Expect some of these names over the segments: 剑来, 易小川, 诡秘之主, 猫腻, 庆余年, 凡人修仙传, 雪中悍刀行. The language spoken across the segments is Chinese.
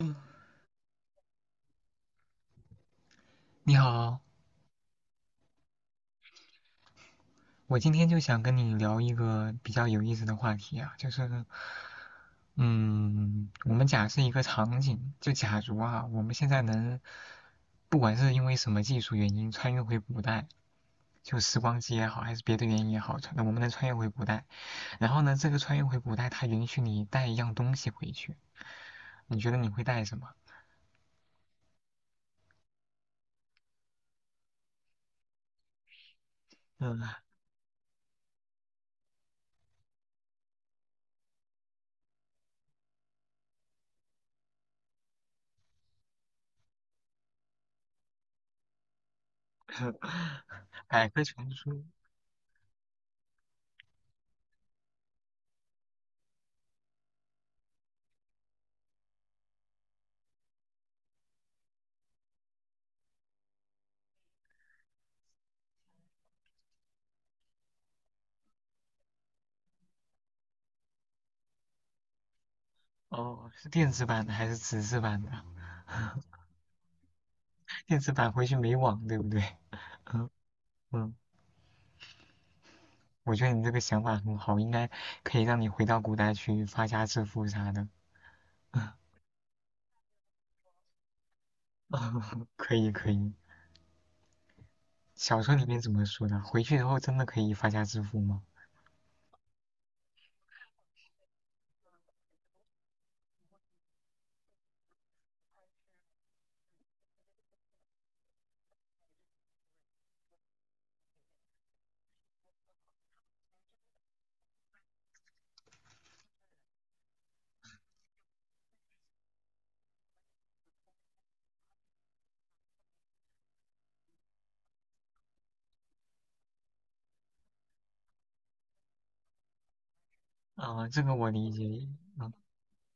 嗯，你好，我今天就想跟你聊一个比较有意思的话题啊，就是，嗯，我们假设一个场景，就假如啊，我们现在能，不管是因为什么技术原因穿越回古代，就时光机也好，还是别的原因也好，那我们能穿越回古代，然后呢，这个穿越回古代，它允许你带一样东西回去，你觉得你会带什么？嗯，百科全书，哦，是电子版的还是纸质版的？电子版回去没网，对不对？嗯嗯，我觉得你这个想法很好，应该可以让你回到古代去发家致富啥的。可以可以，小说里面怎么说的？回去以后真的可以发家致富吗？啊、这个我理解。嗯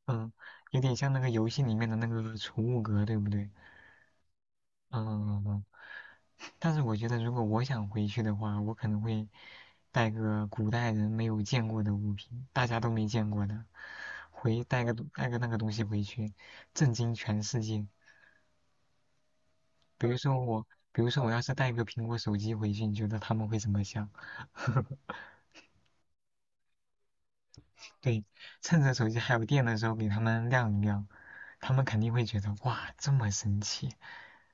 嗯，有点像那个游戏里面的那个储物格，对不对？嗯嗯嗯。但是我觉得如果我想回去的话，我可能会带个古代人没有见过的物品，大家都没见过的，回带个带个那个东西回去，震惊全世界。比如说我，比如说我要是带一个苹果手机回去，你觉得他们会怎么想？对，趁着手机还有电的时候给他们亮一亮，他们肯定会觉得哇，这么神奇，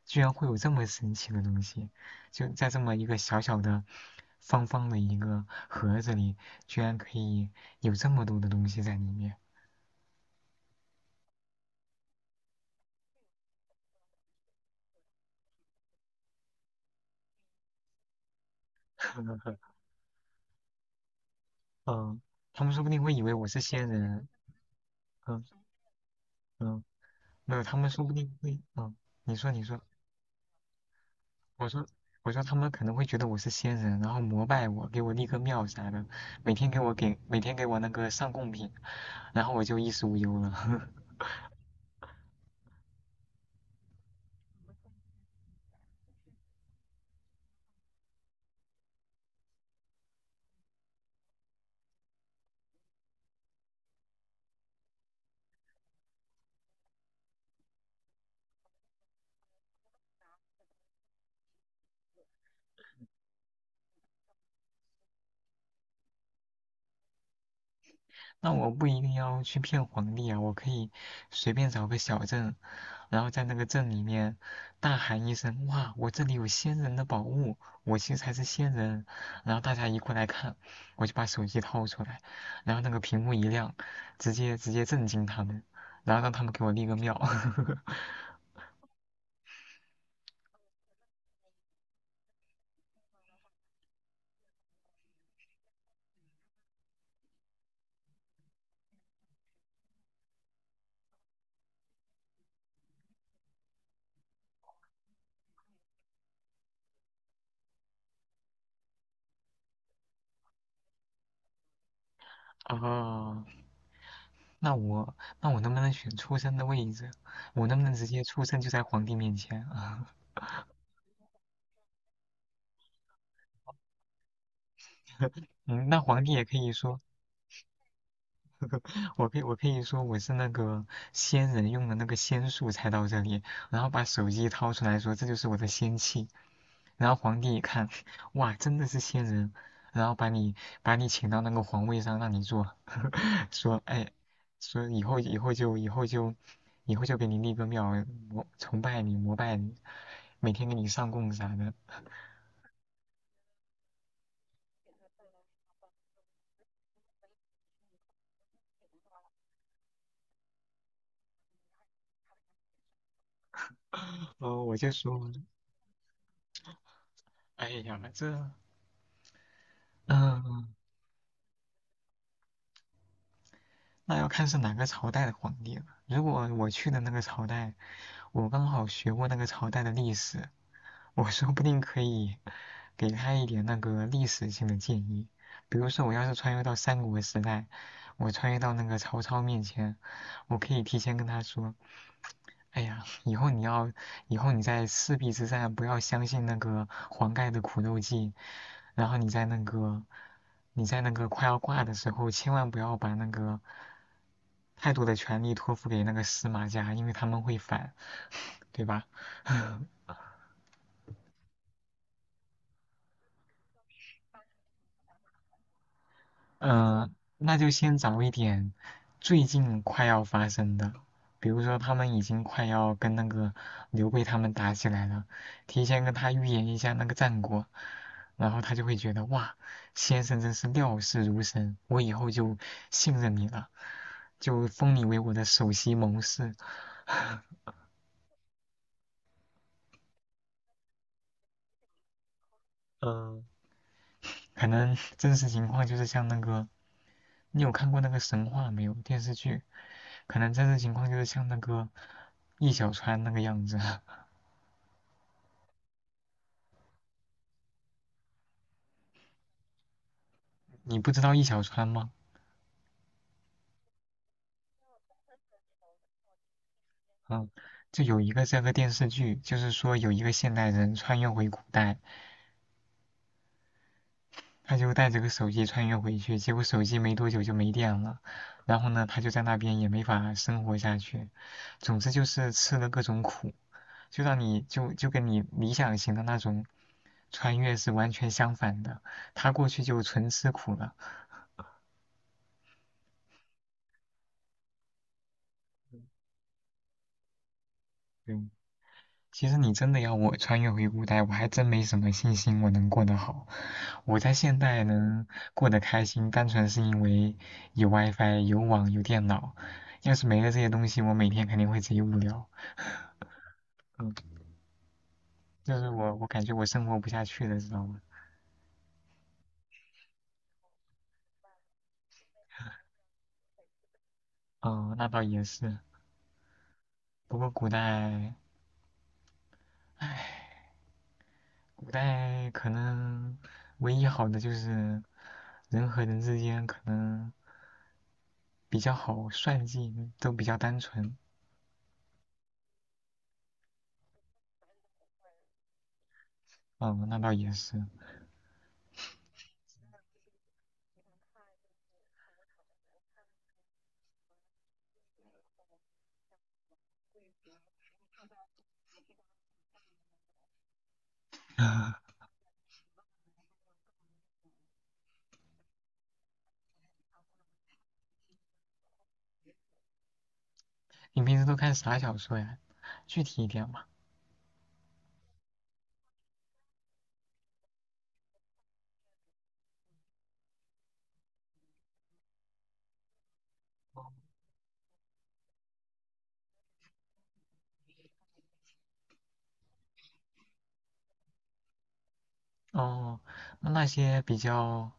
居然会有这么神奇的东西，就在这么一个小小的、方方的一个盒子里，居然可以有这么多的东西在里面。嗯，他们说不定会以为我是仙人。嗯嗯，没有，他们说不定会，你说你说。我说我说他们可能会觉得我是仙人，然后膜拜我，给我立个庙啥的，每天给我那个上贡品，然后我就衣食无忧了。那我不一定要去骗皇帝啊，我可以随便找个小镇，然后在那个镇里面大喊一声：“哇，我这里有仙人的宝物，我其实才是仙人。”然后大家一过来看，我就把手机掏出来，然后那个屏幕一亮，直接震惊他们，然后让他们给我立个庙。哦，那我能不能选出生的位置？我能不能直接出生就在皇帝面前啊？嗯，那皇帝也可以说，我可以说我是那个仙人用的那个仙术才到这里，然后把手机掏出来说这就是我的仙气。然后皇帝一看，哇，真的是仙人，然后把你请到那个皇位上让你做，说哎，说以后就给你立个庙，膜拜你，每天给你上供啥的。哦，我就说，哎呀，嗯、那要看是哪个朝代的皇帝了。如果我去的那个朝代，我刚好学过那个朝代的历史，我说不定可以给他一点那个历史性的建议。比如说，我要是穿越到三国时代，我穿越到那个曹操面前，我可以提前跟他说，哎呀，以后你要，以后你在赤壁之战不要相信那个黄盖的苦肉计，然后你在那个，你在那个快要挂的时候，千万不要把那个太多的权力托付给那个司马家，因为他们会反，对吧？呃，那就先找一点最近快要发生的，比如说他们已经快要跟那个刘备他们打起来了，提前跟他预言一下那个战果，然后他就会觉得哇，先生真是料事如神，我以后就信任你了，就封你为我的首席谋士。嗯、可能真实情况就是像那个，你有看过那个神话没有？电视剧，可能真实情况就是像那个易小川那个样子。你不知道易小川吗？嗯，就有一个这个电视剧，就是说有一个现代人穿越回古代，他就带着个手机穿越回去，结果手机没多久就没电了，然后呢，他就在那边也没法生活下去，总之就是吃了各种苦。就让你就就跟你理想型的那种穿越是完全相反的。他过去就纯吃苦了。嗯，其实你真的要我穿越回古代，我还真没什么信心我能过得好。我在现代能过得开心，单纯是因为有 WiFi、有网、有电脑。要是没了这些东西，我每天肯定会贼无聊。嗯，就是我感觉我生活不下去了，知道吗？哦，那倒也是。不过古代可能唯一好的就是人和人之间可能比较好算计，都比较单纯。嗯，那倒也是。你平时都看啥小说呀？具体一点嘛。哦，那那些比较，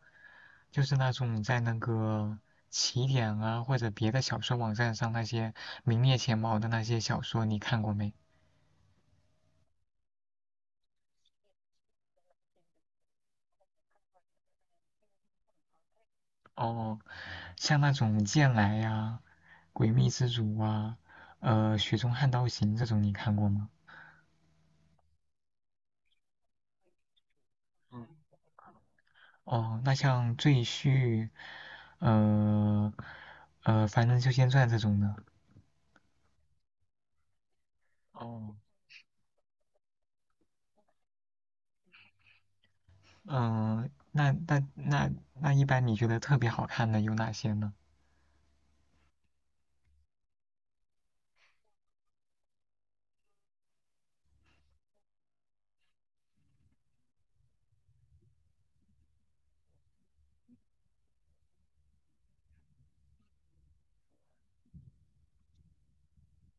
就是那种在那个起点啊或者别的小说网站上那些名列前茅的那些小说，你看过没？哦，像那种剑来呀、诡秘之主啊、雪中悍刀行这种，你看过吗？嗯，哦，那像赘婿，呃《凡人修仙传》这种的，哦，嗯、那一般你觉得特别好看的有哪些呢？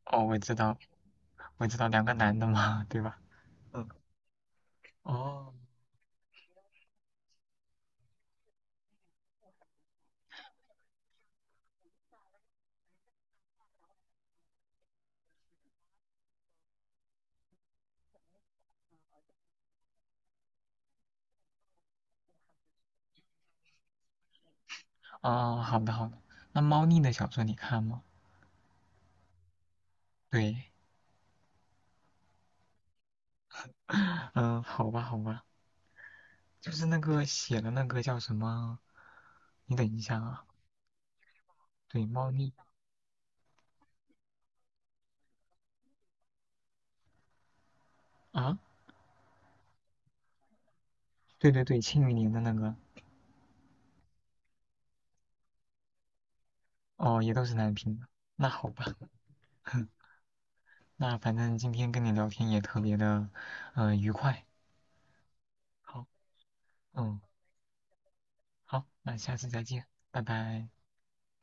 哦，我知道，我知道两个男的嘛，对吧？嗯，哦，哦，好的好的，那猫腻的小说你看吗？对，嗯、好吧好吧，就是那个写的那个叫什么？你等一下啊，对，猫腻啊，对对对，庆余年的那个，哦，也都是男频的。那好吧，那反正今天跟你聊天也特别的，愉快。好，嗯，好，那下次再见，拜拜。